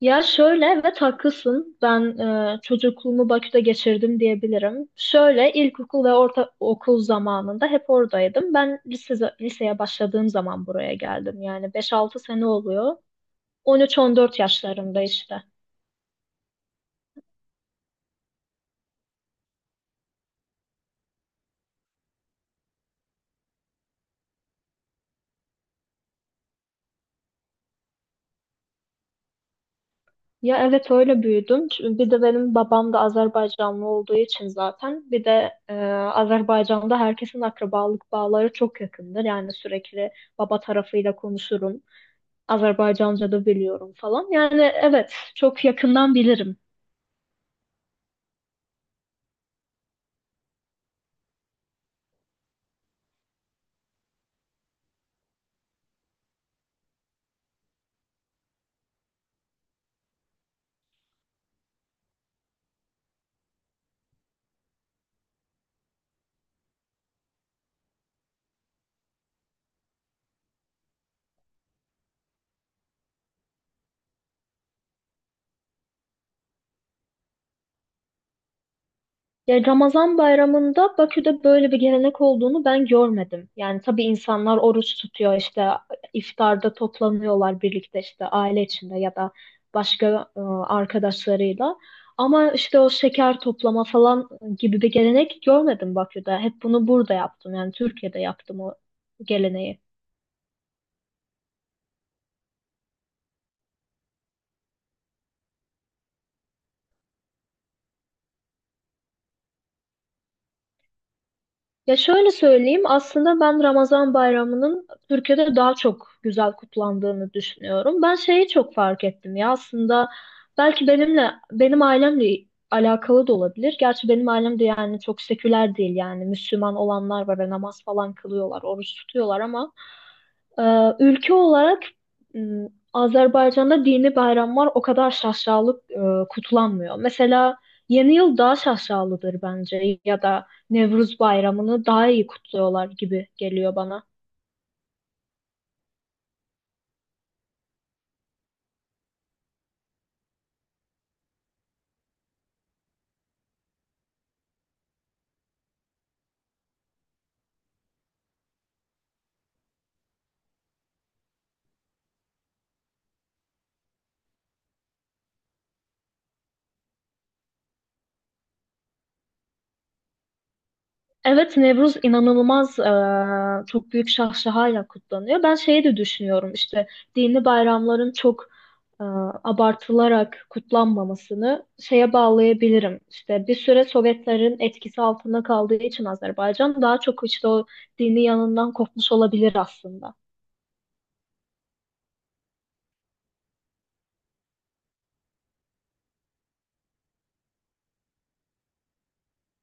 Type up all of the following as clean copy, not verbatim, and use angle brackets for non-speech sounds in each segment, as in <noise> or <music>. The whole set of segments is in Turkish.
Ya şöyle evet haklısın. Ben çocukluğumu Bakü'de geçirdim diyebilirim. Şöyle ilkokul ve orta okul zamanında hep oradaydım. Ben liseye başladığım zaman buraya geldim. Yani beş-altı sene oluyor. On üç-on dört yaşlarında işte. Ya evet öyle büyüdüm. Çünkü bir de benim babam da Azerbaycanlı olduğu için zaten. Bir de Azerbaycan'da herkesin akrabalık bağları çok yakındır. Yani sürekli baba tarafıyla konuşurum. Azerbaycanca da biliyorum falan. Yani evet çok yakından bilirim. Ya Ramazan bayramında Bakü'de böyle bir gelenek olduğunu ben görmedim. Yani tabii insanlar oruç tutuyor işte iftarda toplanıyorlar birlikte işte aile içinde ya da başka arkadaşlarıyla. Ama işte o şeker toplama falan gibi bir gelenek görmedim Bakü'de. Hep bunu burada yaptım yani Türkiye'de yaptım o geleneği. Ya şöyle söyleyeyim, aslında ben Ramazan bayramının Türkiye'de daha çok güzel kutlandığını düşünüyorum. Ben şeyi çok fark ettim ya, aslında belki benimle benim ailemle alakalı da olabilir. Gerçi benim ailem de yani çok seküler değil, yani Müslüman olanlar var ve namaz falan kılıyorlar, oruç tutuyorlar ama ülke olarak Azerbaycan'da dini bayramlar o kadar şaşalı kutlanmıyor. Mesela Yeni Yıl daha şaşalıdır bence ya da Nevruz Bayramı'nı daha iyi kutluyorlar gibi geliyor bana. Evet, Nevruz inanılmaz, çok büyük şahşahayla kutlanıyor. Ben şeyi de düşünüyorum, işte dini bayramların çok e, abartılarak kutlanmamasını şeye bağlayabilirim. İşte bir süre Sovyetlerin etkisi altında kaldığı için Azerbaycan daha çok işte o dini yanından kopmuş olabilir aslında.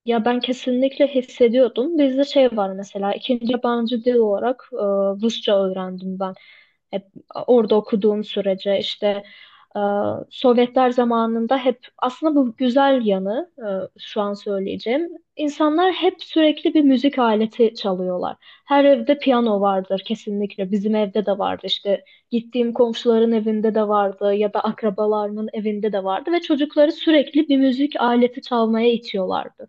Ya ben kesinlikle hissediyordum. Bizde şey var mesela, ikinci yabancı dil olarak Rusça öğrendim ben. Hep orada okuduğum sürece işte e, Sovyetler zamanında hep aslında bu güzel yanı şu an söyleyeceğim. İnsanlar hep sürekli bir müzik aleti çalıyorlar. Her evde piyano vardır kesinlikle. Bizim evde de vardı, işte gittiğim komşuların evinde de vardı ya da akrabalarının evinde de vardı ve çocukları sürekli bir müzik aleti çalmaya itiyorlardı.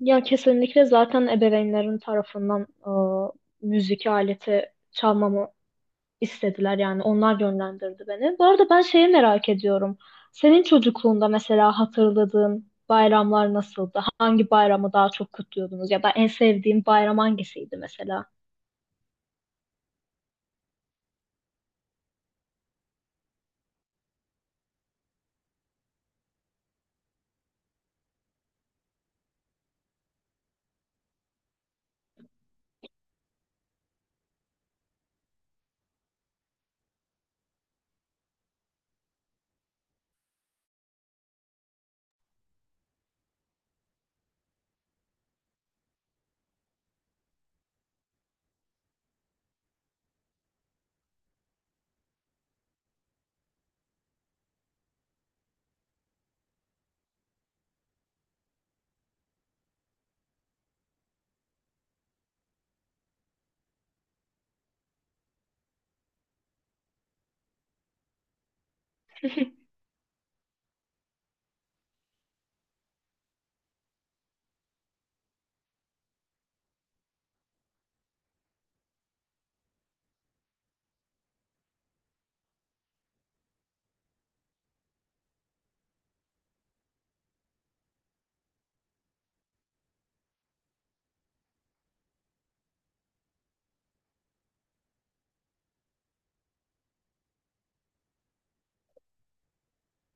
Ya kesinlikle zaten ebeveynlerin tarafından müzik aleti çalmamı istediler, yani onlar yönlendirdi beni. Bu arada ben şeyi merak ediyorum. Senin çocukluğunda mesela hatırladığın bayramlar nasıldı? Hangi bayramı daha çok kutluyordunuz? Ya da en sevdiğin bayram hangisiydi mesela? <laughs>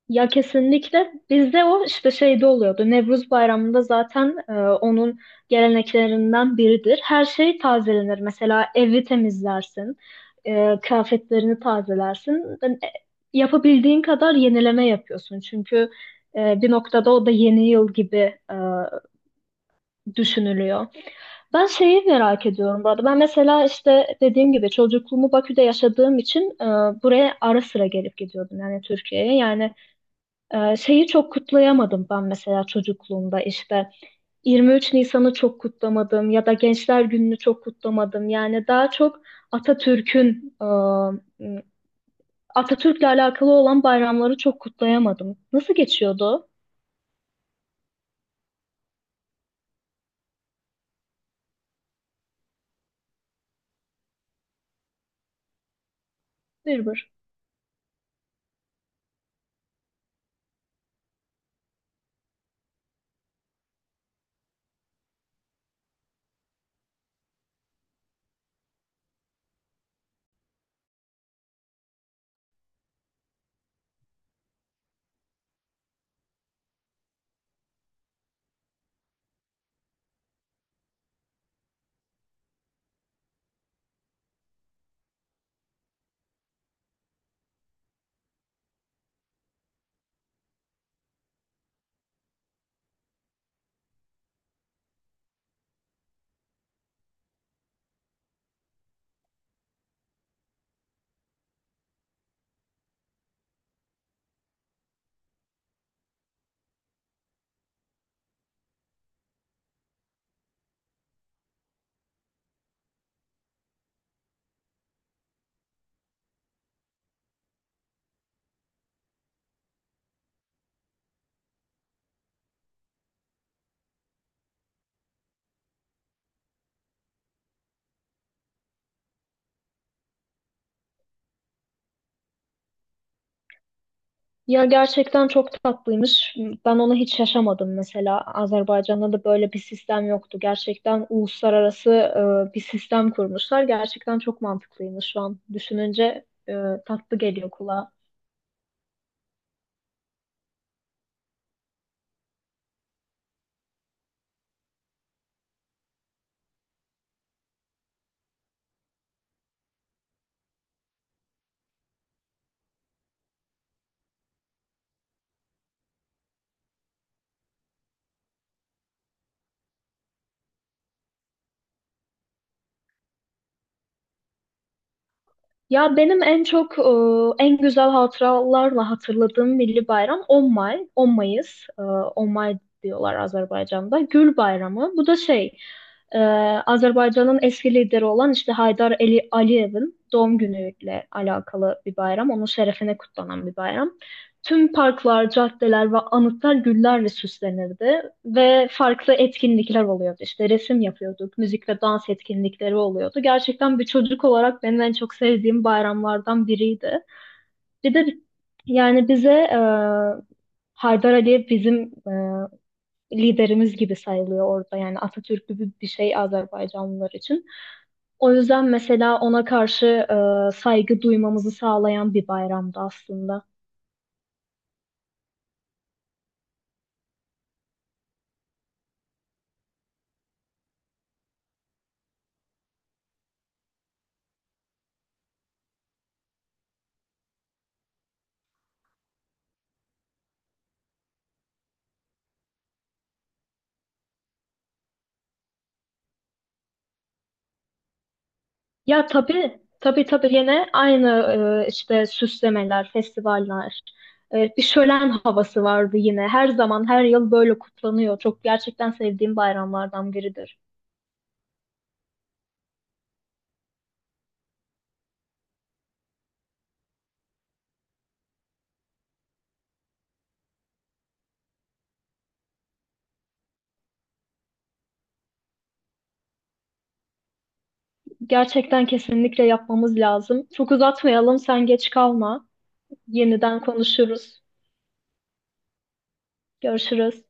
Ya kesinlikle bizde o işte şeyde oluyordu. Nevruz Bayramı'nda zaten onun geleneklerinden biridir. Her şey tazelenir. Mesela evi temizlersin, kıyafetlerini tazelersin. Yapabildiğin kadar yenileme yapıyorsun. Çünkü bir noktada o da yeni yıl gibi e, düşünülüyor. Ben şeyi merak ediyorum bu arada. Ben mesela işte dediğim gibi çocukluğumu Bakü'de yaşadığım için buraya ara sıra gelip gidiyordum yani Türkiye'ye. Yani şeyi çok kutlayamadım ben mesela çocukluğumda, işte 23 Nisan'ı çok kutlamadım ya da Gençler Günü'nü çok kutlamadım. Yani daha çok Atatürk'ün e, Atatürk'le alakalı olan bayramları çok kutlayamadım. Nasıl geçiyordu? Bir bir. Ya gerçekten çok tatlıymış. Ben onu hiç yaşamadım mesela. Azerbaycan'da da böyle bir sistem yoktu. Gerçekten uluslararası bir sistem kurmuşlar. Gerçekten çok mantıklıymış, şu an düşününce tatlı geliyor kulağa. Ya benim en çok en güzel hatıralarla hatırladığım milli bayram 10 Mayıs, 10 May diyorlar Azerbaycan'da. Gül Bayramı. Bu da e, Azerbaycan'ın eski lideri olan işte Haydar Ali Aliyev'in doğum günüyle alakalı bir bayram. Onun şerefine kutlanan bir bayram. Tüm parklar, caddeler ve anıtlar güllerle süslenirdi ve farklı etkinlikler oluyordu. İşte resim yapıyorduk, müzik ve dans etkinlikleri oluyordu. Gerçekten bir çocuk olarak benim en çok sevdiğim bayramlardan biriydi. Bir de yani bize Haydar Aliyev bizim e, liderimiz gibi sayılıyor orada. Yani Atatürk gibi bir şey Azerbaycanlılar için. O yüzden mesela ona karşı saygı duymamızı sağlayan bir bayramdı aslında. Ya tabii tabii tabii, yine aynı işte süslemeler, festivaller. E, bir şölen havası vardı yine. Her zaman her yıl böyle kutlanıyor. Çok gerçekten sevdiğim bayramlardan biridir. Gerçekten kesinlikle yapmamız lazım. Çok uzatmayalım, sen geç kalma. Yeniden konuşuruz. Görüşürüz.